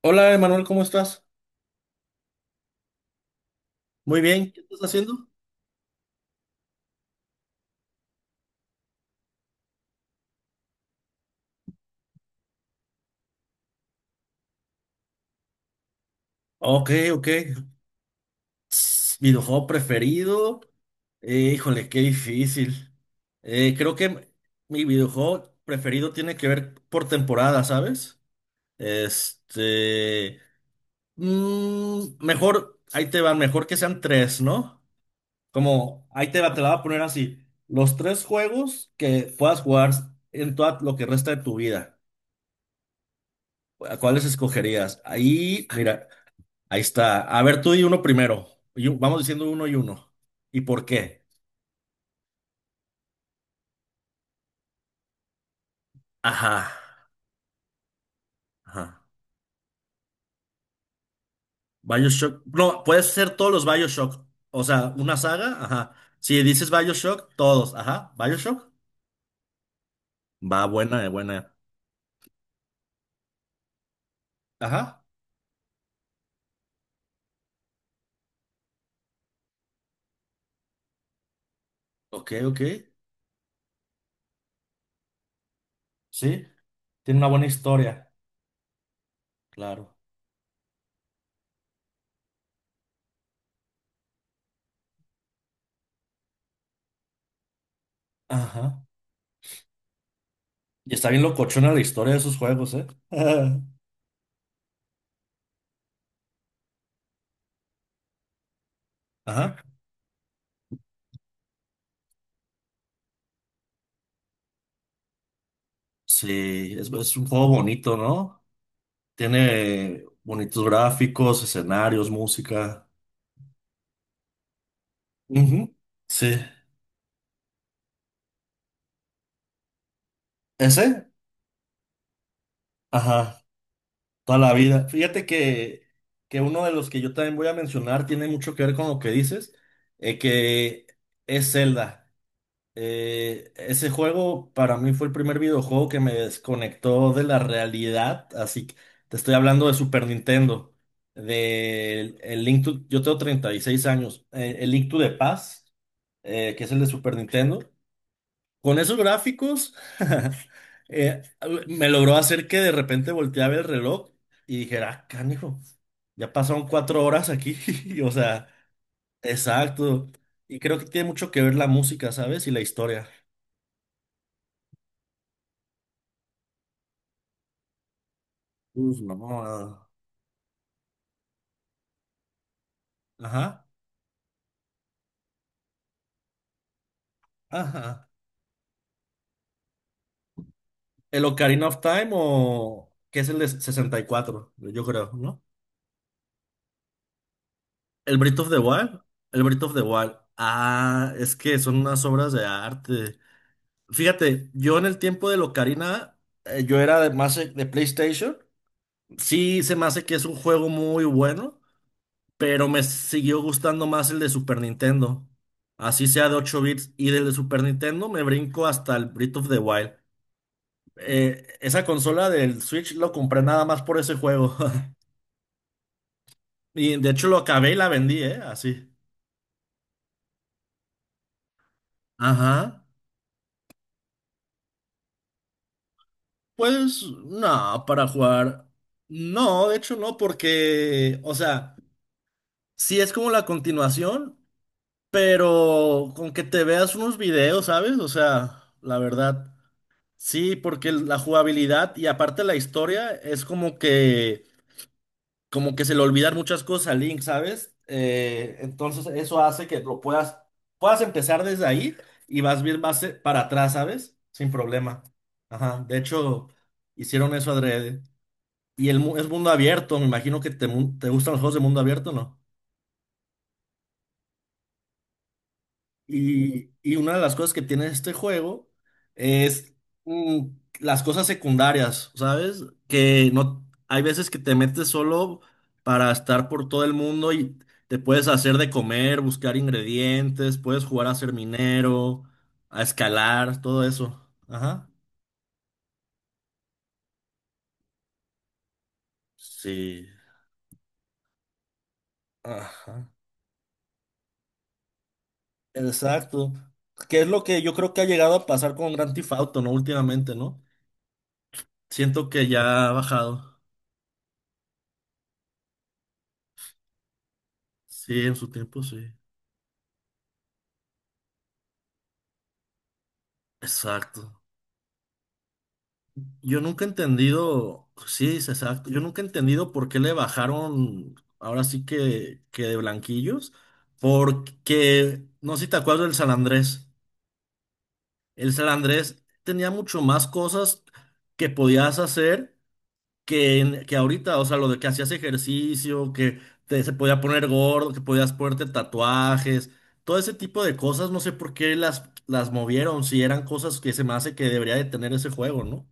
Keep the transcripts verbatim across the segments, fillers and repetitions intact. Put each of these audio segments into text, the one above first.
Hola, Emanuel, ¿cómo estás? Muy bien, ¿qué estás haciendo? Ok, ok. Tss, Videojuego preferido. Eh, híjole, qué difícil. Eh, creo que mi videojuego preferido tiene que ver por temporada, ¿sabes? Este. Mm, mejor, ahí te va, mejor que sean tres, ¿no? Como, ahí te va, te la voy a poner así. Los tres juegos que puedas jugar en todo lo que resta de tu vida. ¿A cuáles escogerías? Ahí, mira. Ahí está. A ver, tú y uno primero. Y un- vamos diciendo uno y uno. ¿Y por qué? Ajá, ajá. BioShock. No, puedes ser todos los BioShock. O sea, una saga, ajá. Si dices BioShock, todos, ajá. ¿BioShock? Va, buena, eh, buena. Ajá. Ok, ok. Sí, tiene una buena historia. Claro. Ajá. Y está bien locochona la historia de esos juegos, ¿eh? Ajá. Sí, es, es un juego bonito, ¿no? Tiene bonitos gráficos, escenarios, música. Ujú, sí. ¿Ese? Ajá, toda la vida. Fíjate que, que uno de los que yo también voy a mencionar tiene mucho que ver con lo que dices, eh, que es Zelda. Eh, ese juego para mí fue el primer videojuego que me desconectó de la realidad, así que te estoy hablando de Super Nintendo, del el Link to, yo tengo treinta y seis años, eh, el Link to the Past, eh, que es el de Super Nintendo. Con esos gráficos, eh, me logró hacer que de repente volteaba el reloj y dijera, ah, canijo, ya pasaron cuatro horas aquí. O sea, exacto. Y creo que tiene mucho que ver la música, ¿sabes? Y la historia. Uf, no. Ah. Ajá, ajá. El Ocarina of Time o que es el de sesenta y cuatro, yo creo, ¿no? El Breath of the Wild. El Breath of the Wild. Ah, es que son unas obras de arte. Fíjate, yo en el tiempo de Locarina, eh, yo era de más eh, de PlayStation. Sí, se me hace que es un juego muy bueno, pero me siguió gustando más el de Super Nintendo. Así sea de ocho bits. Y del de Super Nintendo me brinco hasta el Breath of the Wild. Eh, esa consola del Switch lo compré nada más por ese juego. Y de hecho lo acabé y la vendí, ¿eh? Así. Ajá. Pues no, para jugar. No, de hecho no, porque, o sea, si es como la continuación. Pero con que te veas unos videos, ¿sabes? O sea, la verdad, sí, porque el- la jugabilidad y aparte la historia es como que, como que se le olvidan muchas cosas a Link, ¿sabes? Eh, entonces eso hace que lo puedas, puedas empezar desde ahí y vas bien más eh, para atrás, ¿sabes? Sin problema. Ajá, de hecho, hicieron eso adrede. Y el mu- es mundo abierto, me imagino que te, mu- te gustan los juegos de mundo abierto, ¿no? Y, y una de las cosas que tiene este juego es mm, las cosas secundarias, ¿sabes? Que no hay veces que te metes solo para estar por todo el mundo y te puedes hacer de comer, buscar ingredientes, puedes jugar a ser minero, a escalar, todo eso. Ajá. Sí. Ajá. Exacto. Que es lo que yo creo que ha llegado a pasar con Grand Theft Auto, ¿no? Últimamente, ¿no? Siento que ya ha bajado. Sí, en su tiempo, sí. Exacto. Yo nunca he entendido, pues sí, es exacto. Yo nunca he entendido por qué le bajaron, ahora sí que, que de blanquillos, porque, no sé si te acuerdas del San Andrés. El San Andrés tenía mucho más cosas que podías hacer que, en- que ahorita, o sea, lo de que hacías ejercicio, que te, se podía poner gordo, que podías ponerte tatuajes, todo ese tipo de cosas, no sé por qué las, las movieron, si eran cosas que se me hace que debería de tener ese juego, ¿no?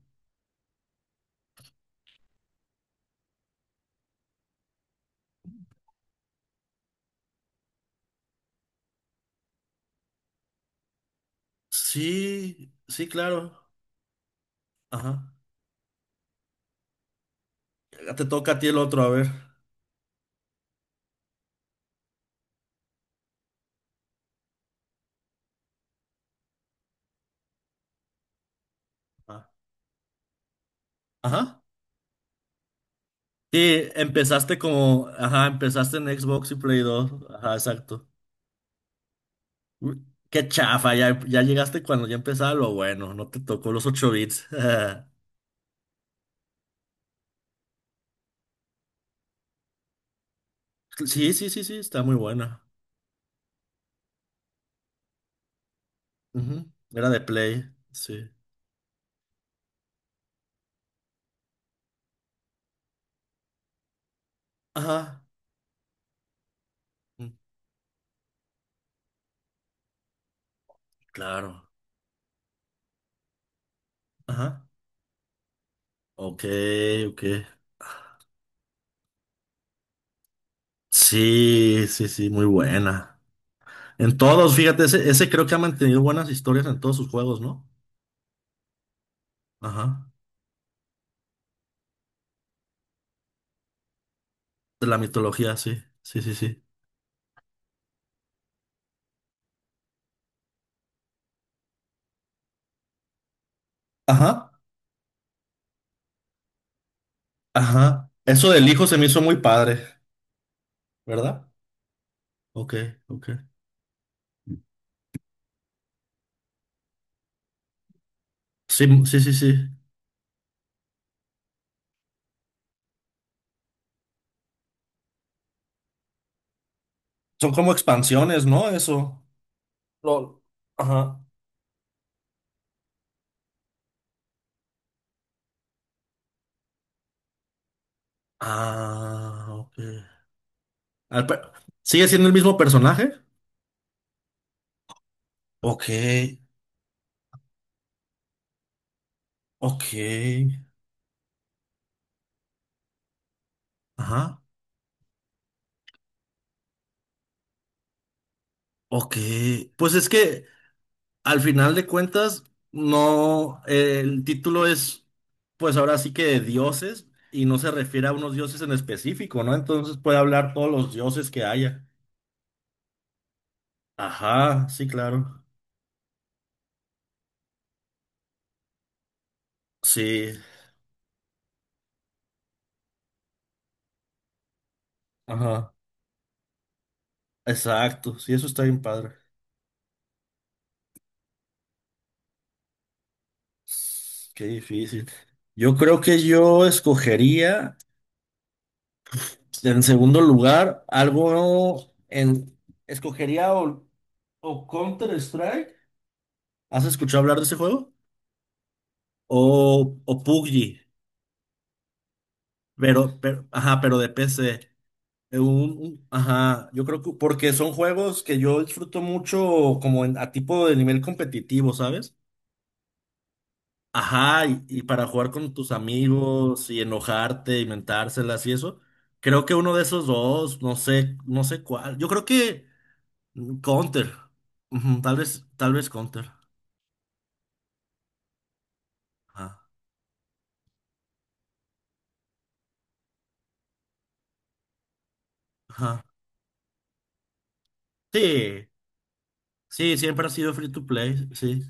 Sí, sí, claro. Ajá. Te toca a ti el otro, a ver. Ah, ajá. Sí, empezaste como, ajá, empezaste en Xbox y Play dos. Ajá, exacto. Uy, qué chafa, ya, ya llegaste cuando ya empezaba lo bueno, no te tocó los ocho bits. Sí, sí, sí, sí, está muy buena. Ujú, era de Play, sí. Ajá. mm, Claro. Ajá. Ok, ok. Sí, sí, sí, muy buena. En todos, fíjate, ese, ese creo que ha mantenido buenas historias en todos sus juegos, ¿no? Ajá. De la mitología, sí. Sí, sí, sí. Ajá, ajá. Eso del hijo se me hizo muy padre, ¿verdad? Ok, ok. Sí, sí, sí, sí. Son como expansiones, ¿no? Eso. Lo... Ajá. Ah, ok. Al pe- ¿Sigue siendo el mismo personaje? Ok, ok. Ajá. Ok. Pues es que al final de cuentas, no, eh, el título es, pues ahora sí que de dioses y no se refiere a unos dioses en específico, ¿no? Entonces puede hablar todos los dioses que haya. Ajá, sí, claro. Sí, ajá, exacto. Sí, eso está bien padre. S- Qué difícil. Yo creo que yo escogería, en segundo lugar, algo en... Escogería o, o Counter-Strike. ¿Has escuchado hablar de ese juego? O, o P U B G. Pero, pero, ajá, pero de P C. Eh, un- un- ajá, yo creo que porque son juegos que yo disfruto mucho como en- a tipo de nivel competitivo, ¿sabes? Ajá, y, y para jugar con tus amigos y enojarte y mentárselas y eso. Creo que uno de esos dos, no sé, no sé cuál. Yo creo que mm, Counter. Ujú, tal vez, tal vez Counter. Ajá, ajá. Sí, sí, siempre ha sido free to play, sí.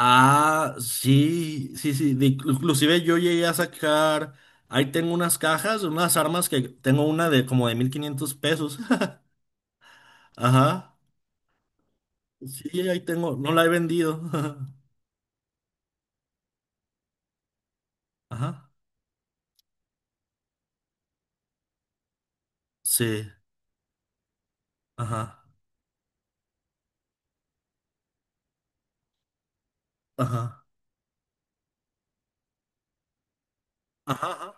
Ah, sí, sí, sí. De- inclusive yo llegué a sacar, ahí tengo unas cajas, unas armas que tengo una de como de mil quinientos pesos. Ajá. Sí, ahí tengo, no la he vendido. Ajá. Sí. Ajá. Ajá. Ajá.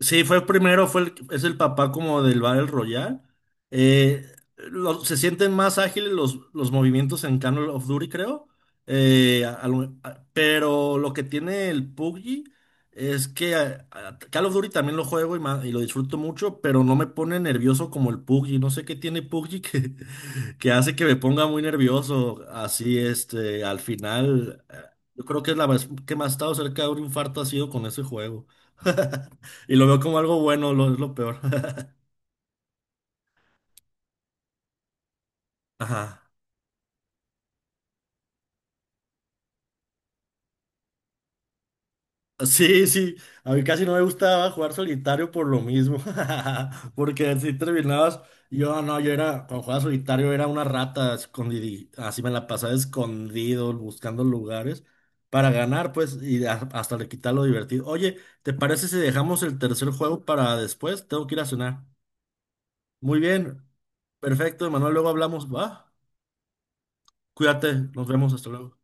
Sí, fue primero, fue el- es el papá como del Battle Royale. Eh, lo- Se sienten más ágiles los, los movimientos en Call of Duty, creo. Eh, a- a lo- a- pero lo que tiene el P U B G es que a- a- Call of Duty también lo juego y, ma- y lo disfruto mucho, pero no me pone nervioso como el P U B G. No sé qué tiene P U B G que, que hace que me ponga muy nervioso. Así, este, al final, eh, yo creo que es la vez que más he estado cerca de un infarto ha sido con ese juego. Y lo veo como algo bueno, lo, es lo peor. Ajá. Sí, sí. A mí casi no me gustaba jugar solitario por lo mismo. Porque si terminabas, yo no, yo era, cuando jugaba solitario era una rata escondida. Así me la pasaba escondido, buscando lugares para ganar, pues, y a- hasta le quitar lo divertido. Oye, ¿te parece si dejamos el tercer juego para después? Tengo que ir a cenar. Muy bien. Perfecto, Manuel, luego hablamos. Va. Cuídate, nos vemos, hasta luego.